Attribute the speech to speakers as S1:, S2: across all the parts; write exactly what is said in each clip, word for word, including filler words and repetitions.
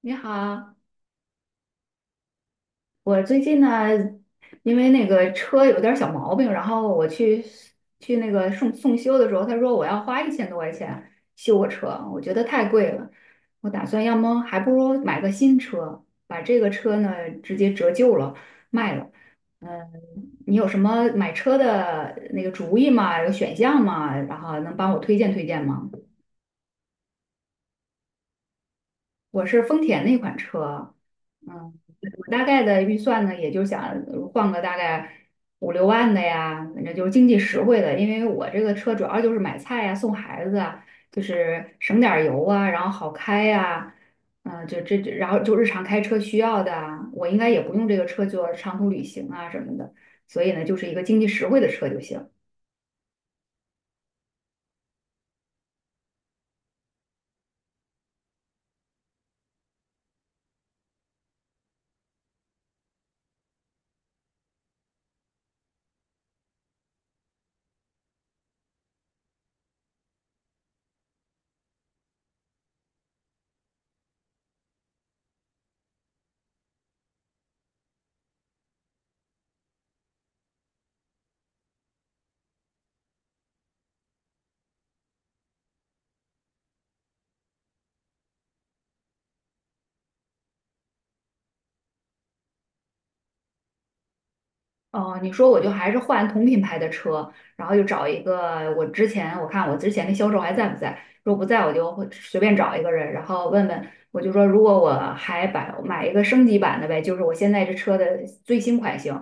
S1: 你好，我最近呢，因为那个车有点儿小毛病，然后我去去那个送送修的时候，他说我要花一千多块钱修我车，我觉得太贵了，我打算要么还不如买个新车，把这个车呢直接折旧了卖了。嗯，你有什么买车的那个主意吗？有选项吗？然后能帮我推荐推荐吗？我是丰田那款车，嗯，我大概的预算呢，也就想换个大概五六万的呀，反正就是经济实惠的，因为我这个车主要就是买菜呀、送孩子啊，就是省点儿油啊，然后好开呀、嗯，就这，这然后就日常开车需要的啊，我应该也不用这个车做长途旅行啊什么的，所以呢，就是一个经济实惠的车就行。哦，你说我就还是换同品牌的车，然后就找一个我之前我看我之前的销售还在不在，如果不在我就会随便找一个人，然后问问，我就说如果我还把买一个升级版的呗，就是我现在这车的最新款型，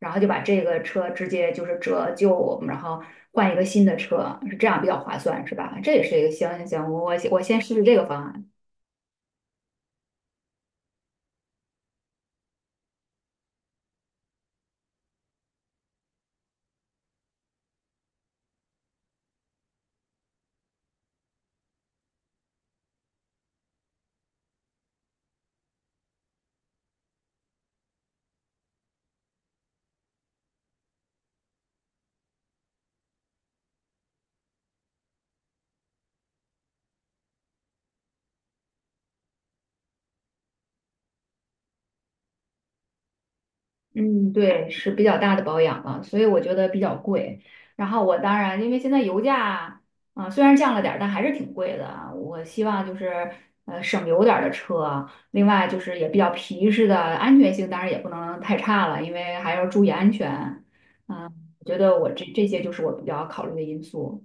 S1: 然后就把这个车直接就是折旧，然后换一个新的车，是这样比较划算是吧？这也是一个行行行，我我我先试试这个方案。嗯，对，是比较大的保养了，所以我觉得比较贵。然后我当然，因为现在油价啊，虽然降了点儿但还是挺贵的啊。我希望就是呃省油点儿的车，另外就是也比较皮实的，安全性当然也不能太差了，因为还要注意安全。嗯，我觉得我这这些就是我比较考虑的因素。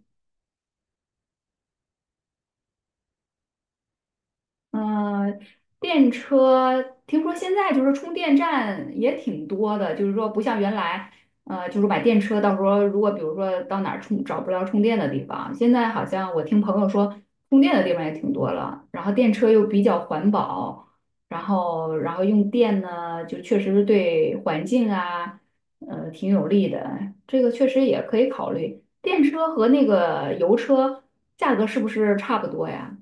S1: 嗯，呃电车听说现在就是充电站也挺多的，就是说不像原来，呃，就是把电车，到时候如果比如说到哪儿充找不着充电的地方，现在好像我听朋友说充电的地方也挺多了，然后电车又比较环保，然后然后用电呢，就确实是对环境啊，呃，挺有利的，这个确实也可以考虑。电车和那个油车价格是不是差不多呀？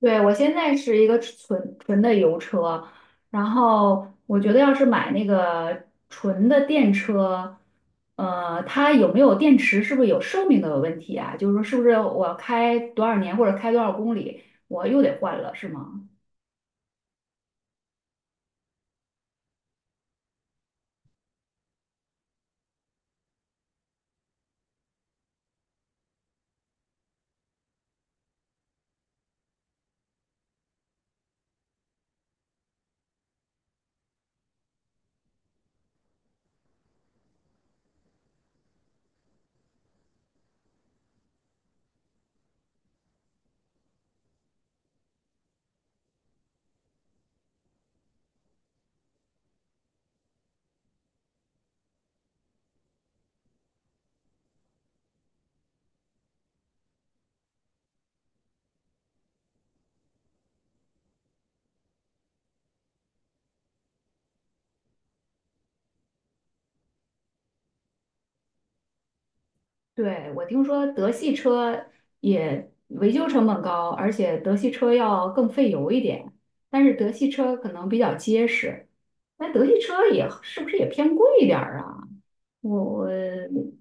S1: 对，我现在是一个纯纯的油车，然后我觉得要是买那个纯的电车，呃，它有没有电池，是不是有寿命的问题啊？就是说，是不是我开多少年或者开多少公里，我又得换了，是吗？对，我听说德系车也维修成本高，而且德系车要更费油一点，但是德系车可能比较结实，那德系车也是不是也偏贵一点儿啊？我我。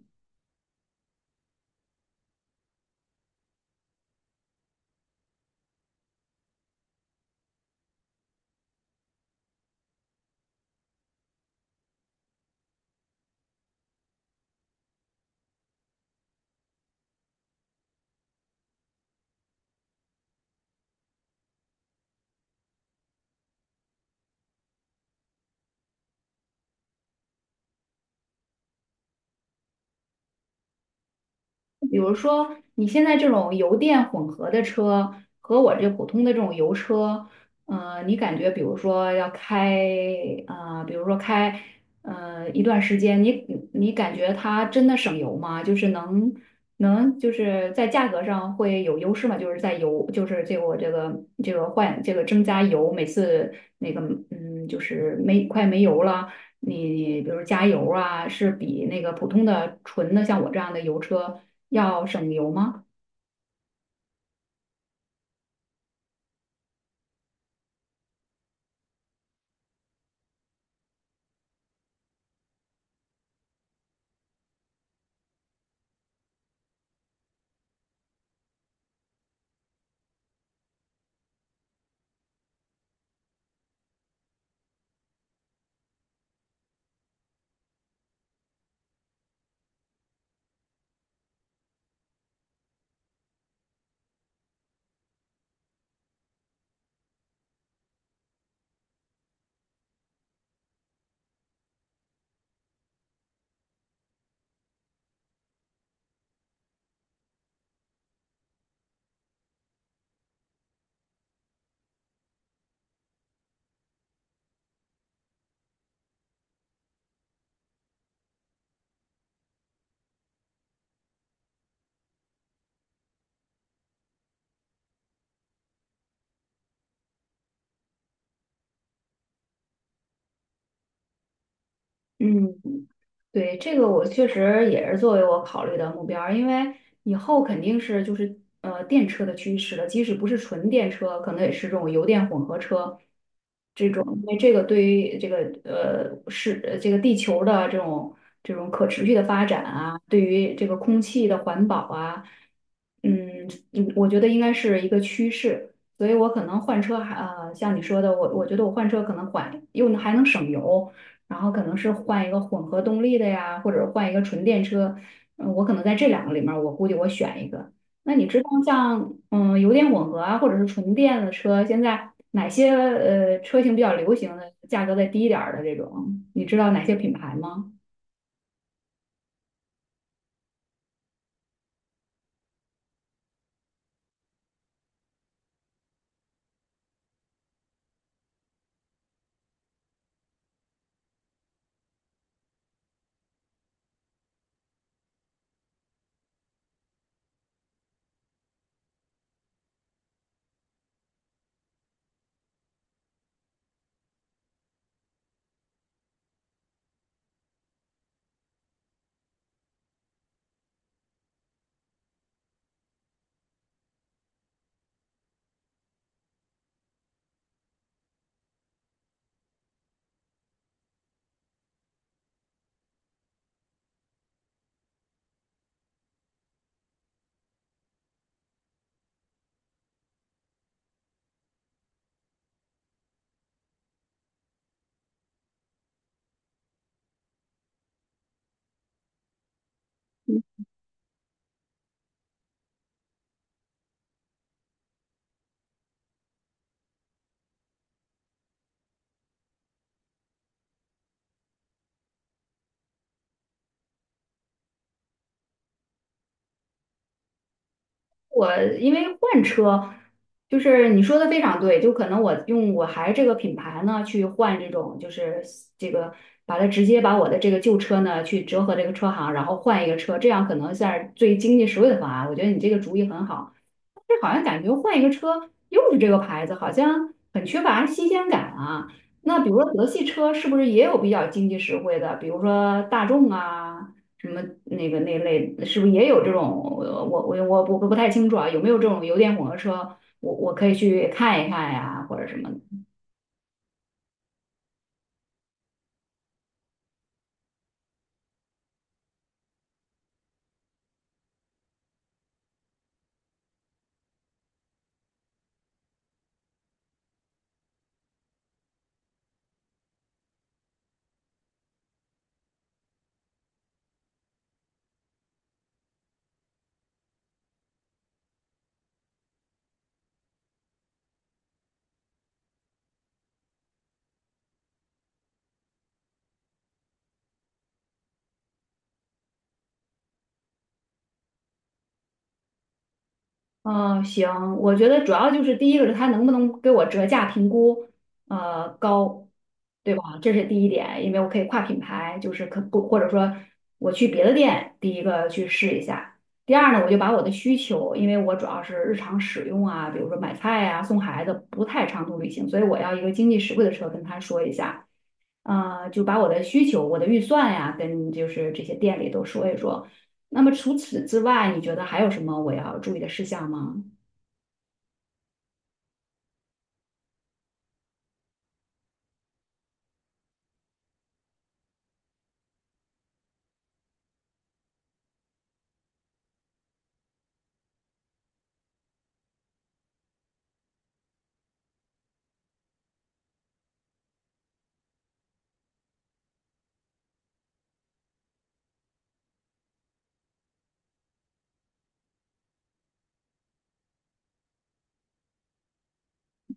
S1: 比如说，你现在这种油电混合的车和我这普通的这种油车，呃，你感觉比如说要开，呃，比如说开，呃，一段时间，你你感觉它真的省油吗？就是能能就是在价格上会有优势吗？就是在油，就是这个我这个这个换这个增加油，每次那个嗯，就是没快没油了。你比如加油啊，是比那个普通的纯的像我这样的油车要省油吗？嗯，对，这个我确实也是作为我考虑的目标儿因为以后肯定是就是呃电车的趋势了，即使不是纯电车，可能也是这种油电混合车这种，因为这个对于这个呃是呃这个地球的这种这种可持续的发展啊，对于这个空气的环保啊，嗯嗯，我觉得应该是一个趋势，所以我可能换车还呃像你说的，我我觉得我换车可能缓又还能省油。然后可能是换一个混合动力的呀，或者换一个纯电车。嗯，我可能在这两个里面儿我估计我选一个。那你知道像嗯油电混合啊，或者是纯电的车，现在哪些呃车型比较流行的，价格再低一点儿的这种，你知道哪些品牌吗？我因为换车，就是你说的非常对，就可能我用我还这个品牌呢去换这种，就是这个把它直接把我的这个旧车呢去折合这个车行，然后换一个车，这样可能算是最经济实惠的方案。我觉得你这个主意很好。这好像感觉换一个车又是这个牌子，好像很缺乏新鲜感啊。那比如说德系车是不是也有比较经济实惠的？比如说大众啊，什么那个那类，是不是也有这种？呃我我我不不太清楚啊，有没有这种油电混合车？我我可以去看一看呀，或者什么的。嗯，行，我觉得主要就是第一个是他能不能给我折价评估，呃，高，对吧？这是第一点，因为我可以跨品牌，就是可不或者说我去别的店，第一个去试一下。第二呢，我就把我的需求，因为我主要是日常使用啊，比如说买菜啊、送孩子，不太长途旅行，所以我要一个经济实惠的车，跟他说一下，呃，就把我的需求、我的预算呀，跟就是这些店里都说一说。那么除此之外，你觉得还有什么我要注意的事项吗？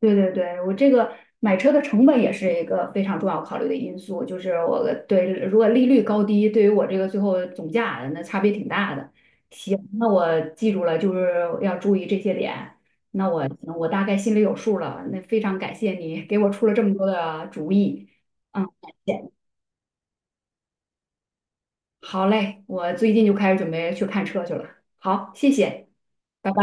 S1: 对对对，我这个买车的成本也是一个非常重要考虑的因素，就是我的对如果利率高低，对于我这个最后总价那差别挺大的。行，那我记住了，就是要注意这些点。那我我大概心里有数了。那非常感谢你给我出了这么多的主意。嗯，感谢好嘞，我最近就开始准备去看车去了。好，谢谢，拜拜。